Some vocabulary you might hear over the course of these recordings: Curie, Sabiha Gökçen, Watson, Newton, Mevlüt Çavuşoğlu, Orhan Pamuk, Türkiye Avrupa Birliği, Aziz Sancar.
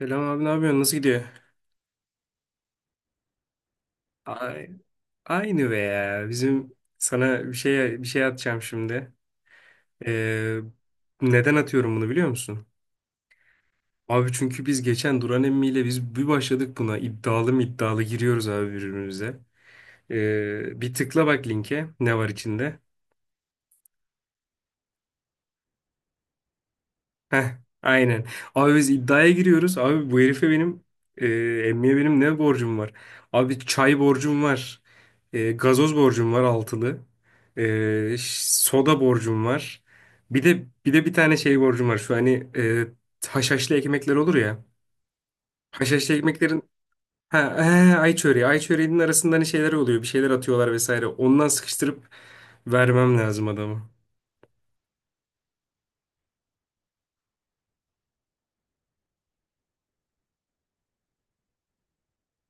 Selam abi, ne yapıyorsun? Nasıl gidiyor? Ay- Aynı be ya. Bizim sana bir şey atacağım şimdi. Ee, Neden atıyorum bunu biliyor musun? Abi çünkü biz geçen Duran emmiyle biz bir başladık buna. İddialı mı iddialı giriyoruz abi birbirimize. Bir tıkla bak, linke ne var içinde. Heh, aynen. Abi biz iddiaya giriyoruz. Abi bu herife benim e, emmiye benim ne borcum var? Abi çay borcum var. Gazoz borcum var, altılı. Soda borcum var. Bir de bir tane şey borcum var. Şu, hani haşhaşlı ekmekler olur ya. Haşhaşlı ekmeklerin ha, he, ay çöreği. Ay çöreğinin arasında hani şeyler oluyor. Bir şeyler atıyorlar vesaire. Ondan sıkıştırıp vermem lazım adamı.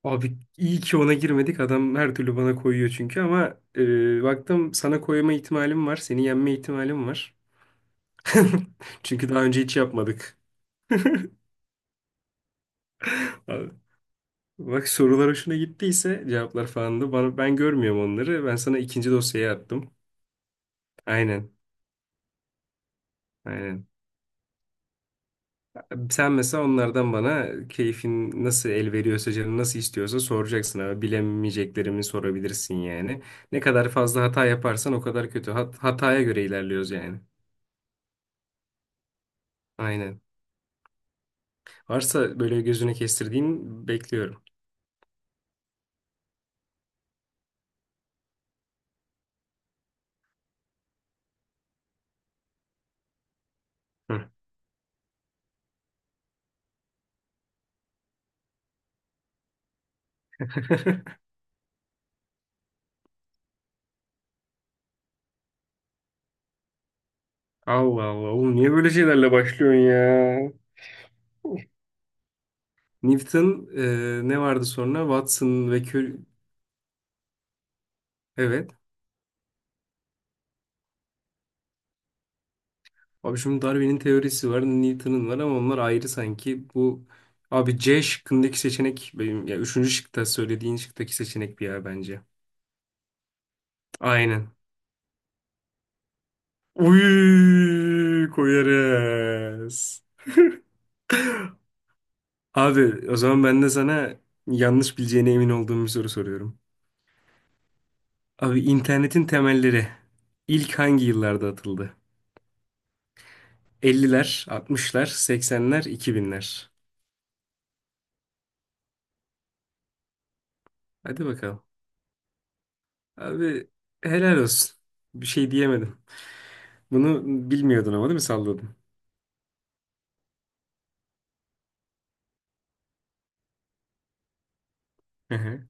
Abi iyi ki ona girmedik. Adam her türlü bana koyuyor çünkü, ama baktım sana koyma ihtimalim var. Seni yenme ihtimalim var. Çünkü daha önce hiç yapmadık. Abi, bak sorular hoşuna gittiyse cevaplar falan da bana, ben görmüyorum onları. Ben sana ikinci dosyayı attım. Aynen. Aynen. Sen mesela onlardan bana keyfin nasıl el veriyorsa, canın nasıl istiyorsa soracaksın abi. Bilemeyeceklerimi sorabilirsin yani. Ne kadar fazla hata yaparsan o kadar kötü. Hataya göre ilerliyoruz yani. Aynen. Varsa böyle gözüne kestirdiğin, bekliyorum. Hı. Allah Allah oğlum, niye böyle şeylerle başlıyorsun ya? Newton, ne vardı sonra? Watson ve Curie. Evet. Abi şimdi Darwin'in teorisi var, Newton'un var ama onlar ayrı sanki. Bu, abi C şıkkındaki seçenek benim, ya üçüncü şıkta söylediğin şıktaki seçenek bir ya bence. Aynen. Uy, koyarız. Abi o zaman ben de sana yanlış bileceğine emin olduğum bir soru soruyorum. Abi internetin temelleri ilk hangi yıllarda atıldı? 50'ler, 60'lar, 80'ler, 2000'ler. Hadi bakalım. Abi helal olsun. Bir şey diyemedim. Bunu bilmiyordun ama, değil mi, salladın? Hı hı.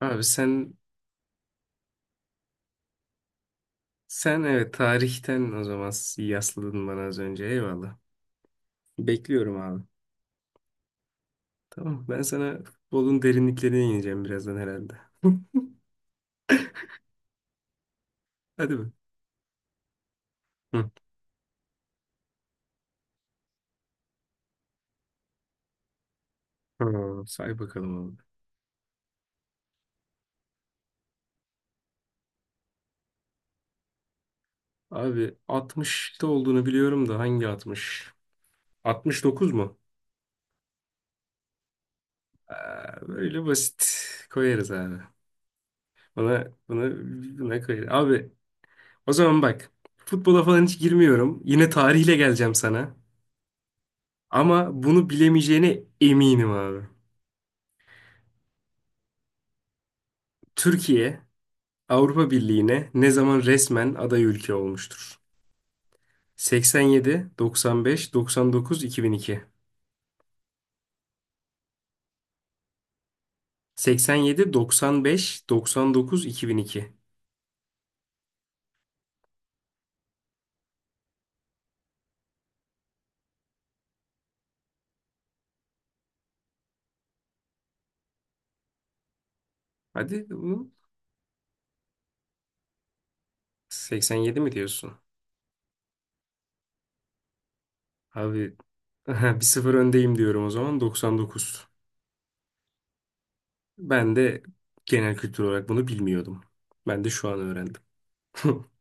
Abi sen evet, tarihten o zaman yasladın bana az önce. Eyvallah. Bekliyorum abi. Tamam, ben sana futbolun derinliklerine ineceğim birazdan herhalde. Hadi be. Hı. Hı, say bakalım abi. Abi 60'ta olduğunu biliyorum da hangi 60? 69 mu? Aa, böyle basit koyarız abi. Buna, buna, buna koyarız. Abi o zaman bak, futbola falan hiç girmiyorum. Yine tarihle geleceğim sana. Ama bunu bilemeyeceğine eminim abi. Türkiye Avrupa Birliği'ne ne zaman resmen aday ülke olmuştur? 87, 95, 99, 2002. 87, 95, 99, 2002. Hadi bunu. 87 mi diyorsun? Abi 1-0 öndeyim, diyorum o zaman 99. Ben de genel kültür olarak bunu bilmiyordum. Ben de şu an öğrendim.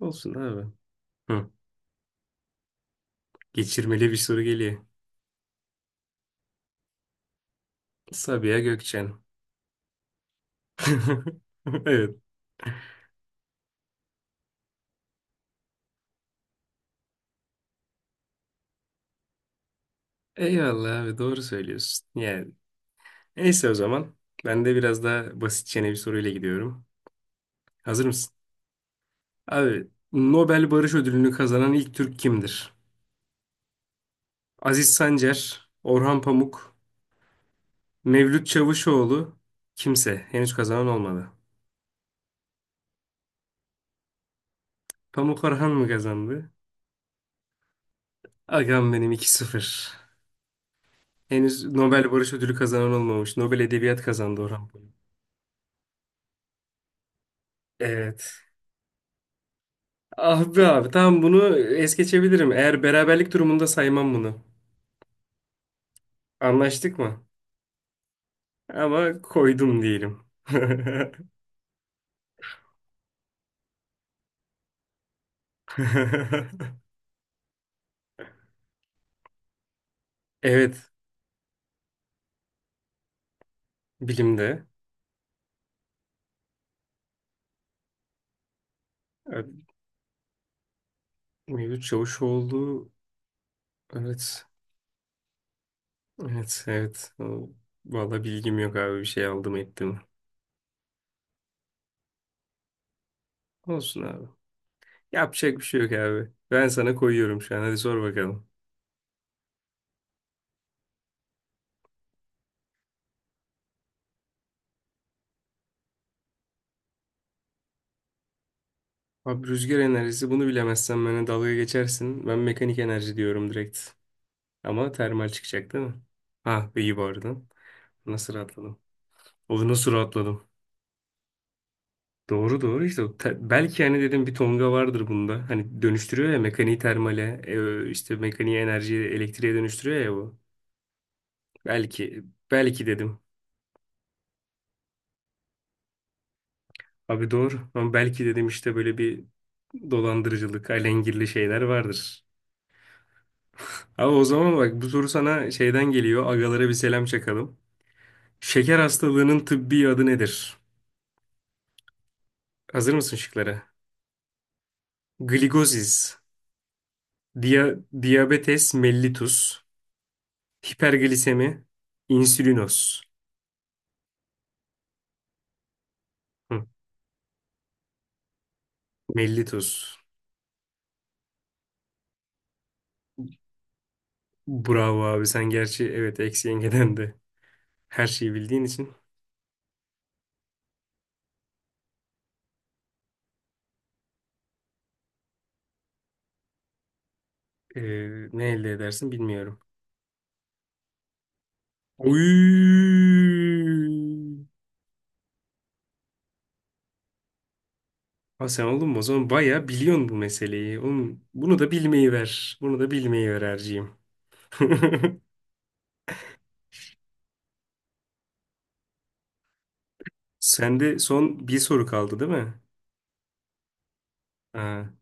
Olsun abi. Hı. Geçirmeli bir soru geliyor. Sabiha Gökçen. Evet. Eyvallah abi, doğru söylüyorsun. Yani neyse o zaman. Ben de biraz daha basitçene bir soruyla gidiyorum. Hazır mısın? Abi, Nobel Barış Ödülünü kazanan ilk Türk kimdir? Aziz Sancar, Orhan Pamuk, Mevlüt Çavuşoğlu, kimse. Henüz kazanan olmadı. Pamuk Orhan mı kazandı? Agam benim, 2-0. Henüz Nobel Barış Ödülü kazanan olmamış. Nobel Edebiyat kazandı Orhan Pamuk. Evet. Ah be abi, tamam, bunu es geçebilirim. Eğer beraberlik durumunda saymam bunu. Anlaştık mı? Ama koydum diyelim. Evet. Bilimde. Evet, Mevlüt Çavuşoğlu. Evet. Evet. Evet. Vallahi bilgim yok abi. Bir şey aldım ettim. Olsun abi. Yapacak bir şey yok abi. Ben sana koyuyorum şu an. Hadi sor bakalım. Abi rüzgar enerjisi, bunu bilemezsen bana dalga geçersin. Ben mekanik enerji diyorum, direkt. Ama termal çıkacak değil mi? Ha, iyi bu arada. Nasıl rahatladım? Oğlum nasıl rahatladım? Doğru doğru işte. Belki hani, dedim, bir tonga vardır bunda. Hani dönüştürüyor ya mekaniği termale, işte mekaniği, enerjiyi elektriğe dönüştürüyor ya bu. Belki, belki dedim. Abi doğru. Ama belki dedim, işte böyle bir dolandırıcılık, alengirli şeyler vardır. Abi o zaman bak, bu soru sana şeyden geliyor. Agalara bir selam çakalım. Şeker hastalığının tıbbi adı nedir? Hazır mısın şıklara? Gligozis, dia diabetes mellitus, hiperglisemi, insülinos. Hı, mellitus. Bravo abi, sen gerçi, evet, eksi yengeden de her şeyi bildiğin için. Ee, Ne elde edersin bilmiyorum. Oy! Ha sen oğlum, o zaman bayağı biliyorsun bu meseleyi. Oğlum bunu da bilmeyi ver. Bunu da bilmeyi ver Erciğim. Sende son bir soru kaldı değil mi? Ha,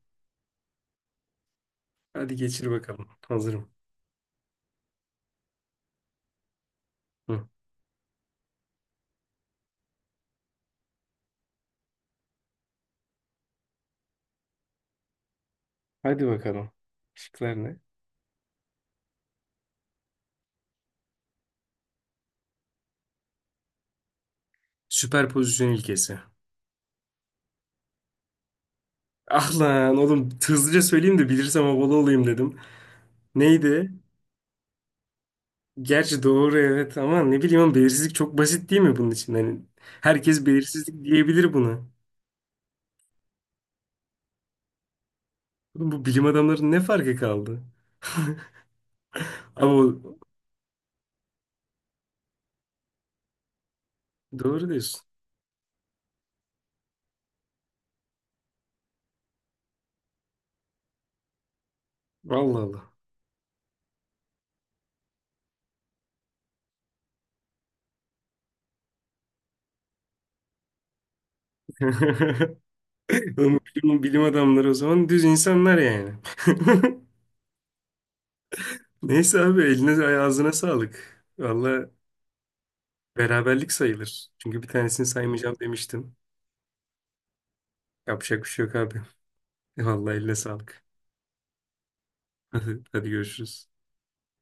hadi geçir bakalım. Hazırım. Hı. Hadi bakalım. Şıklar ne? Süperpozisyon ilkesi. Ah lan oğlum, hızlıca söyleyeyim de bilirsem havalı olayım dedim. Neydi? Gerçi doğru, evet, ama ne bileyim oğlum, belirsizlik çok basit değil mi bunun için? Hani herkes belirsizlik diyebilir buna. Oğlum bu bilim adamlarının ne farkı kaldı? Ama o, Doğru diyorsun. Allah Allah. Oğlum, bilim adamları o zaman düz insanlar yani. Neyse abi, eline ağzına sağlık. Valla beraberlik sayılır. Çünkü bir tanesini saymayacağım demiştim. Yapacak bir şey yok abi. Vallahi eline sağlık. Hadi, hadi görüşürüz.